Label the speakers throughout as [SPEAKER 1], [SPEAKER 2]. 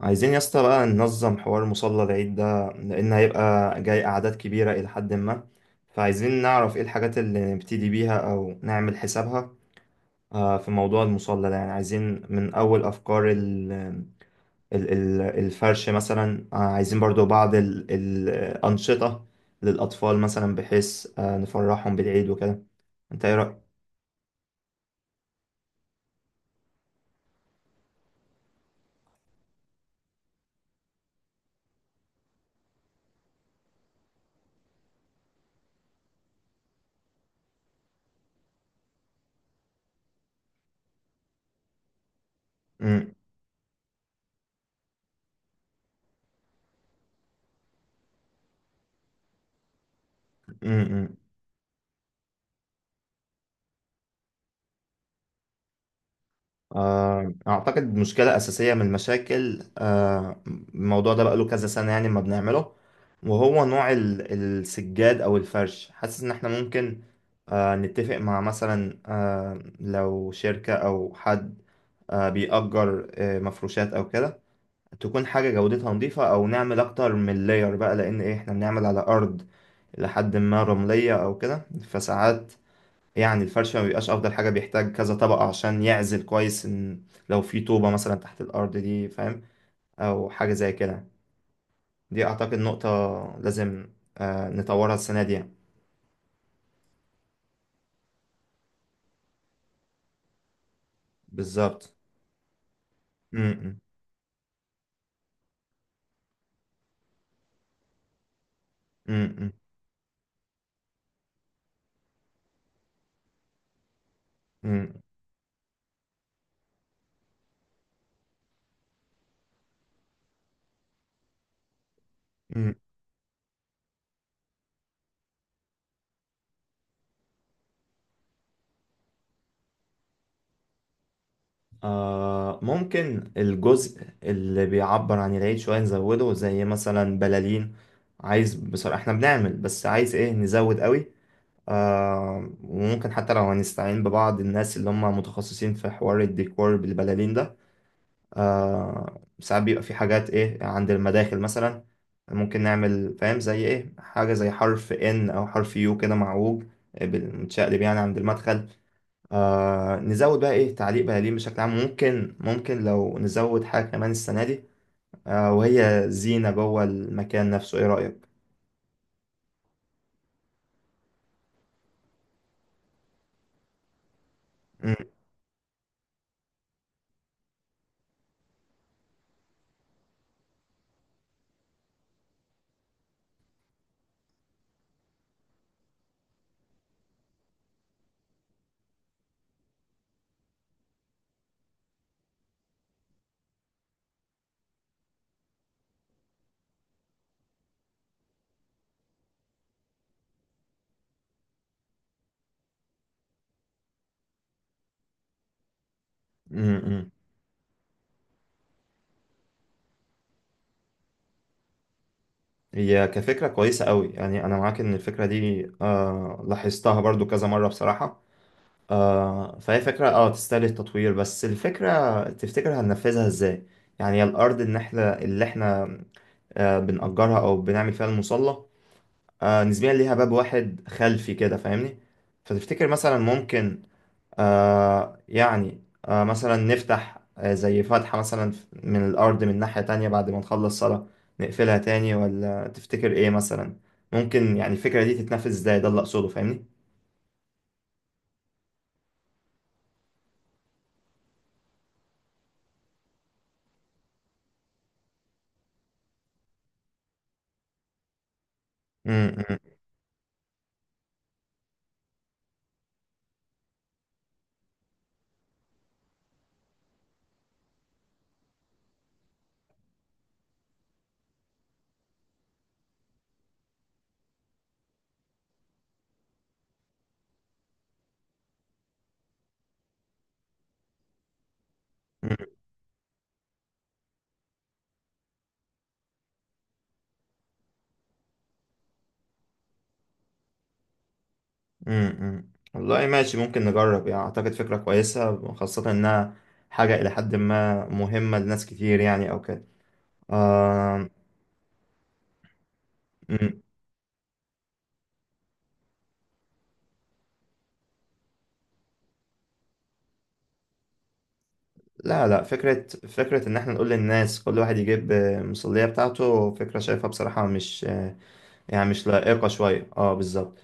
[SPEAKER 1] عايزين يا اسطى بقى ننظم حوار مصلى العيد ده لأن هيبقى جاي أعداد كبيرة إلى حد ما. فعايزين نعرف إيه الحاجات اللي نبتدي بيها أو نعمل حسابها. في موضوع المصلى ده يعني عايزين من أول أفكار الفرش مثلا، عايزين برضو بعض الأنشطة للأطفال مثلا بحيث نفرحهم بالعيد وكده. أنت إيه رأيك؟ أعتقد مشكلة أساسية من المشاكل، الموضوع ده بقاله كذا سنة يعني ما بنعمله، وهو نوع السجاد أو الفرش. حاسس إن إحنا ممكن نتفق مع مثلا، لو شركة أو حد بيأجر مفروشات أو كده، تكون حاجة جودتها نظيفة أو نعمل أكتر من لاير بقى، لأن إيه، إحنا بنعمل على أرض لحد ما رملية أو كده. فساعات يعني الفرش ما بيبقاش افضل حاجه، بيحتاج كذا طبقه عشان يعزل كويس ان لو في طوبه مثلا تحت الارض دي، فاهم، او حاجه زي كده. دي اعتقد نقطه لازم نطورها السنه دي يعني. بالظبط. م- م- م- م- م- م. آه، ممكن الجزء اللي بيعبر عن العيد شويه نزوده، زي مثلا بلالين. عايز بصراحه، احنا بنعمل بس عايز ايه نزود قوي. آه، وممكن حتى لو هنستعين ببعض الناس اللي هم متخصصين في حوار الديكور بالبلالين ده. آه، ساعات بيبقى في حاجات ايه عند المداخل مثلا، ممكن نعمل فاهم زي ايه، حاجة زي حرف ان او حرف يو كده معوج، آه، متشقلب يعني عند المدخل. آه، نزود بقى ايه، تعليق بلالين بشكل عام ممكن، ممكن لو نزود حاجة كمان السنة دي، آه، وهي زينة جوه المكان نفسه. ايه رأيك؟ م- م- م. هي كفكرة كويسة قوي، يعني أنا معاك إن الفكرة دي آه لاحظتها برضو كذا مرة بصراحة. آه، فهي فكرة اه تستاهل التطوير، بس الفكرة تفتكر هننفذها إزاي؟ يعني الأرض إن إحنا اللي إحنا آه بنأجرها أو بنعمل فيها المصلى، آه نسبيا ليها باب واحد خلفي كده، فاهمني؟ فتفتكر مثلا ممكن آه، يعني آه مثلا نفتح آه زي فتحة مثلا من الأرض من ناحية تانية، بعد ما نخلص صلاة نقفلها تاني، ولا تفتكر إيه مثلا ممكن يعني الفكرة دي تتنفذ إزاي؟ ده اللي أقصده، فاهمني؟ مم، مم، مم، مم. والله ماشي، ممكن نجرب. يعني أعتقد فكرة كويسة خاصة إنها حاجة إلى حد ما مهمة لناس كتير يعني أو كده. آه. مم. لا لا، فكرة، فكرة إن إحنا نقول للناس كل واحد يجيب مصلية بتاعته، فكرة شايفها بصراحة مش يعني مش لائقة شوية اه، بالظبط.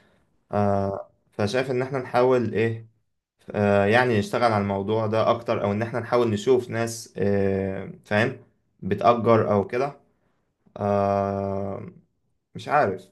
[SPEAKER 1] آه، فشايف ان احنا نحاول ايه، آه يعني نشتغل على الموضوع ده اكتر، او ان احنا نحاول نشوف ناس آه فاهم بتأجر او كده. آه، مش عارف.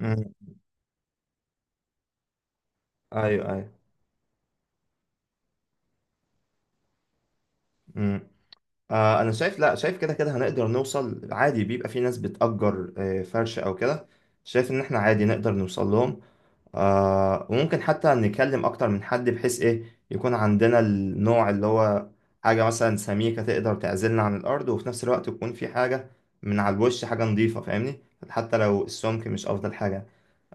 [SPEAKER 1] مم. ايوه، ايوه. مم. آه، انا شايف، لا شايف كده كده هنقدر نوصل عادي، بيبقى في ناس بتأجر آه، فرش او كده. شايف ان احنا عادي نقدر نوصل لهم، آه، وممكن حتى نكلم اكتر من حد بحيث ايه يكون عندنا النوع اللي هو حاجة مثلا سميكة تقدر تعزلنا عن الارض، وفي نفس الوقت يكون في حاجة من على الوش حاجة نظيفة، فاهمني، حتى لو السمك مش افضل حاجة.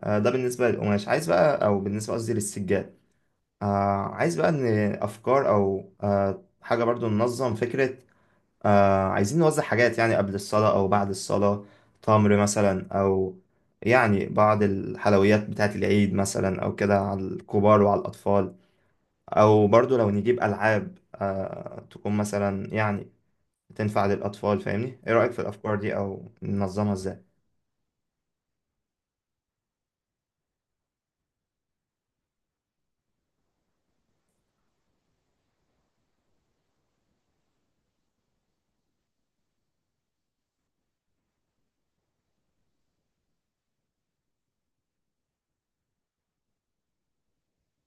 [SPEAKER 1] آه، ده بالنسبة للقماش، عايز بقى او بالنسبة قصدي للسجاد، آه، عايز بقى ان افكار او آه، حاجة برضو ننظم فكرة. آه، عايزين نوزع حاجات يعني قبل الصلاة أو بعد الصلاة، تمر مثلا أو يعني بعض الحلويات بتاعة العيد مثلا أو كده على الكبار وعلى الأطفال، أو برضو لو نجيب ألعاب آه تكون مثلا يعني تنفع للأطفال، فاهمني. إيه رأيك في الأفكار دي، أو ننظمها إزاي؟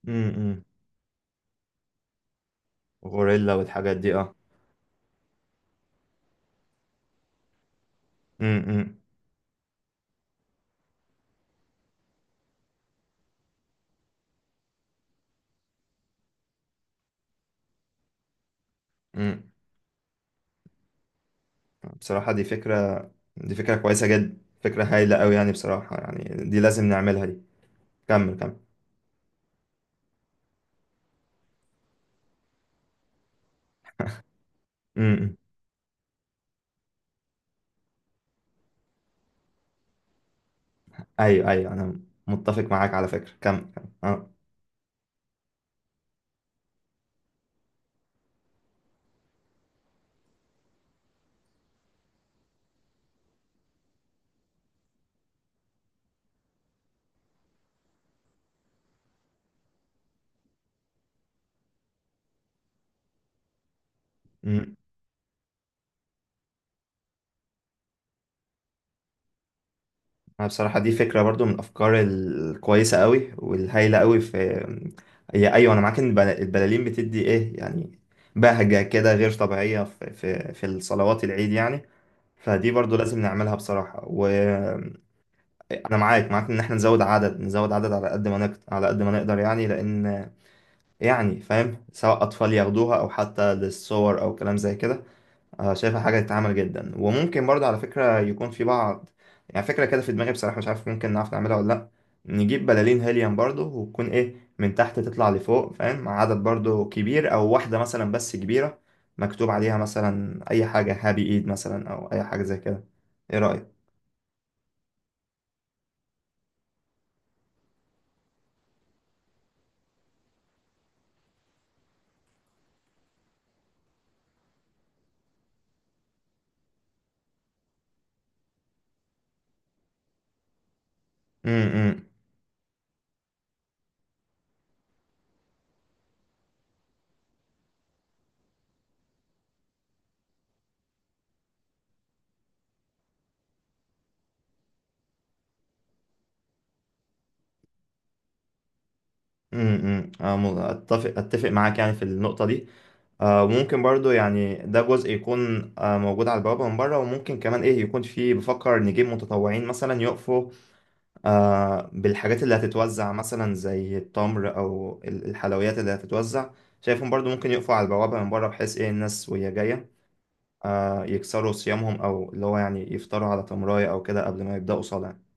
[SPEAKER 1] امم. غوريلا والحاجات دي، أه. امم. امم. بصراحة دي فكرة، دي فكرة كويسة جدا، فكرة هايلة أوي يعني، بصراحة يعني دي لازم نعملها دي. كمل. كمل. ايوه، ايوه، انا متفق معاك على فكره، كم اه. أمم. انا بصراحه دي فكره برضو من الافكار الكويسه قوي والهايله قوي في. هي ايوه، انا معاك ان البلالين بتدي ايه يعني بهجه كده غير طبيعيه في في الصلوات العيد يعني، فدي برضو لازم نعملها بصراحه. وانا معاك معاك ان احنا نزود عدد، نزود عدد على قد ما نقدر، على قد ما نقدر يعني، لان يعني فاهم، سواء اطفال ياخدوها او حتى للصور او كلام زي كده. آه، شايفها حاجة تتعمل جدا. وممكن برضه على فكرة يكون في بعض، يعني فكرة كده في دماغي بصراحة، مش عارف ممكن نعرف نعملها ولا لأ، نجيب بلالين هيليوم برضه، وتكون إيه من تحت تطلع لفوق فاهم، مع عدد برضه كبير، أو واحدة مثلا بس كبيرة مكتوب عليها مثلا أي حاجة، هابي إيد مثلا أو أي حاجة زي كده. إيه رأيك؟ امم. أنا اتفق اتفق معاك يعني في النقطه دي. آه، وممكن برضو يعني ده جزء يكون آه، موجود على البوابه من بره، وممكن كمان ايه، يكون فيه، بفكر نجيب متطوعين مثلا يقفوا آه، بالحاجات اللي هتتوزع، مثلا زي التمر او الحلويات اللي هتتوزع. شايفهم برضو ممكن يقفوا على البوابه من بره، بحيث ايه الناس وهي جايه آه، يكسروا صيامهم، او اللي هو يعني يفطروا على تمرايه او كده قبل ما يبداوا صلاه.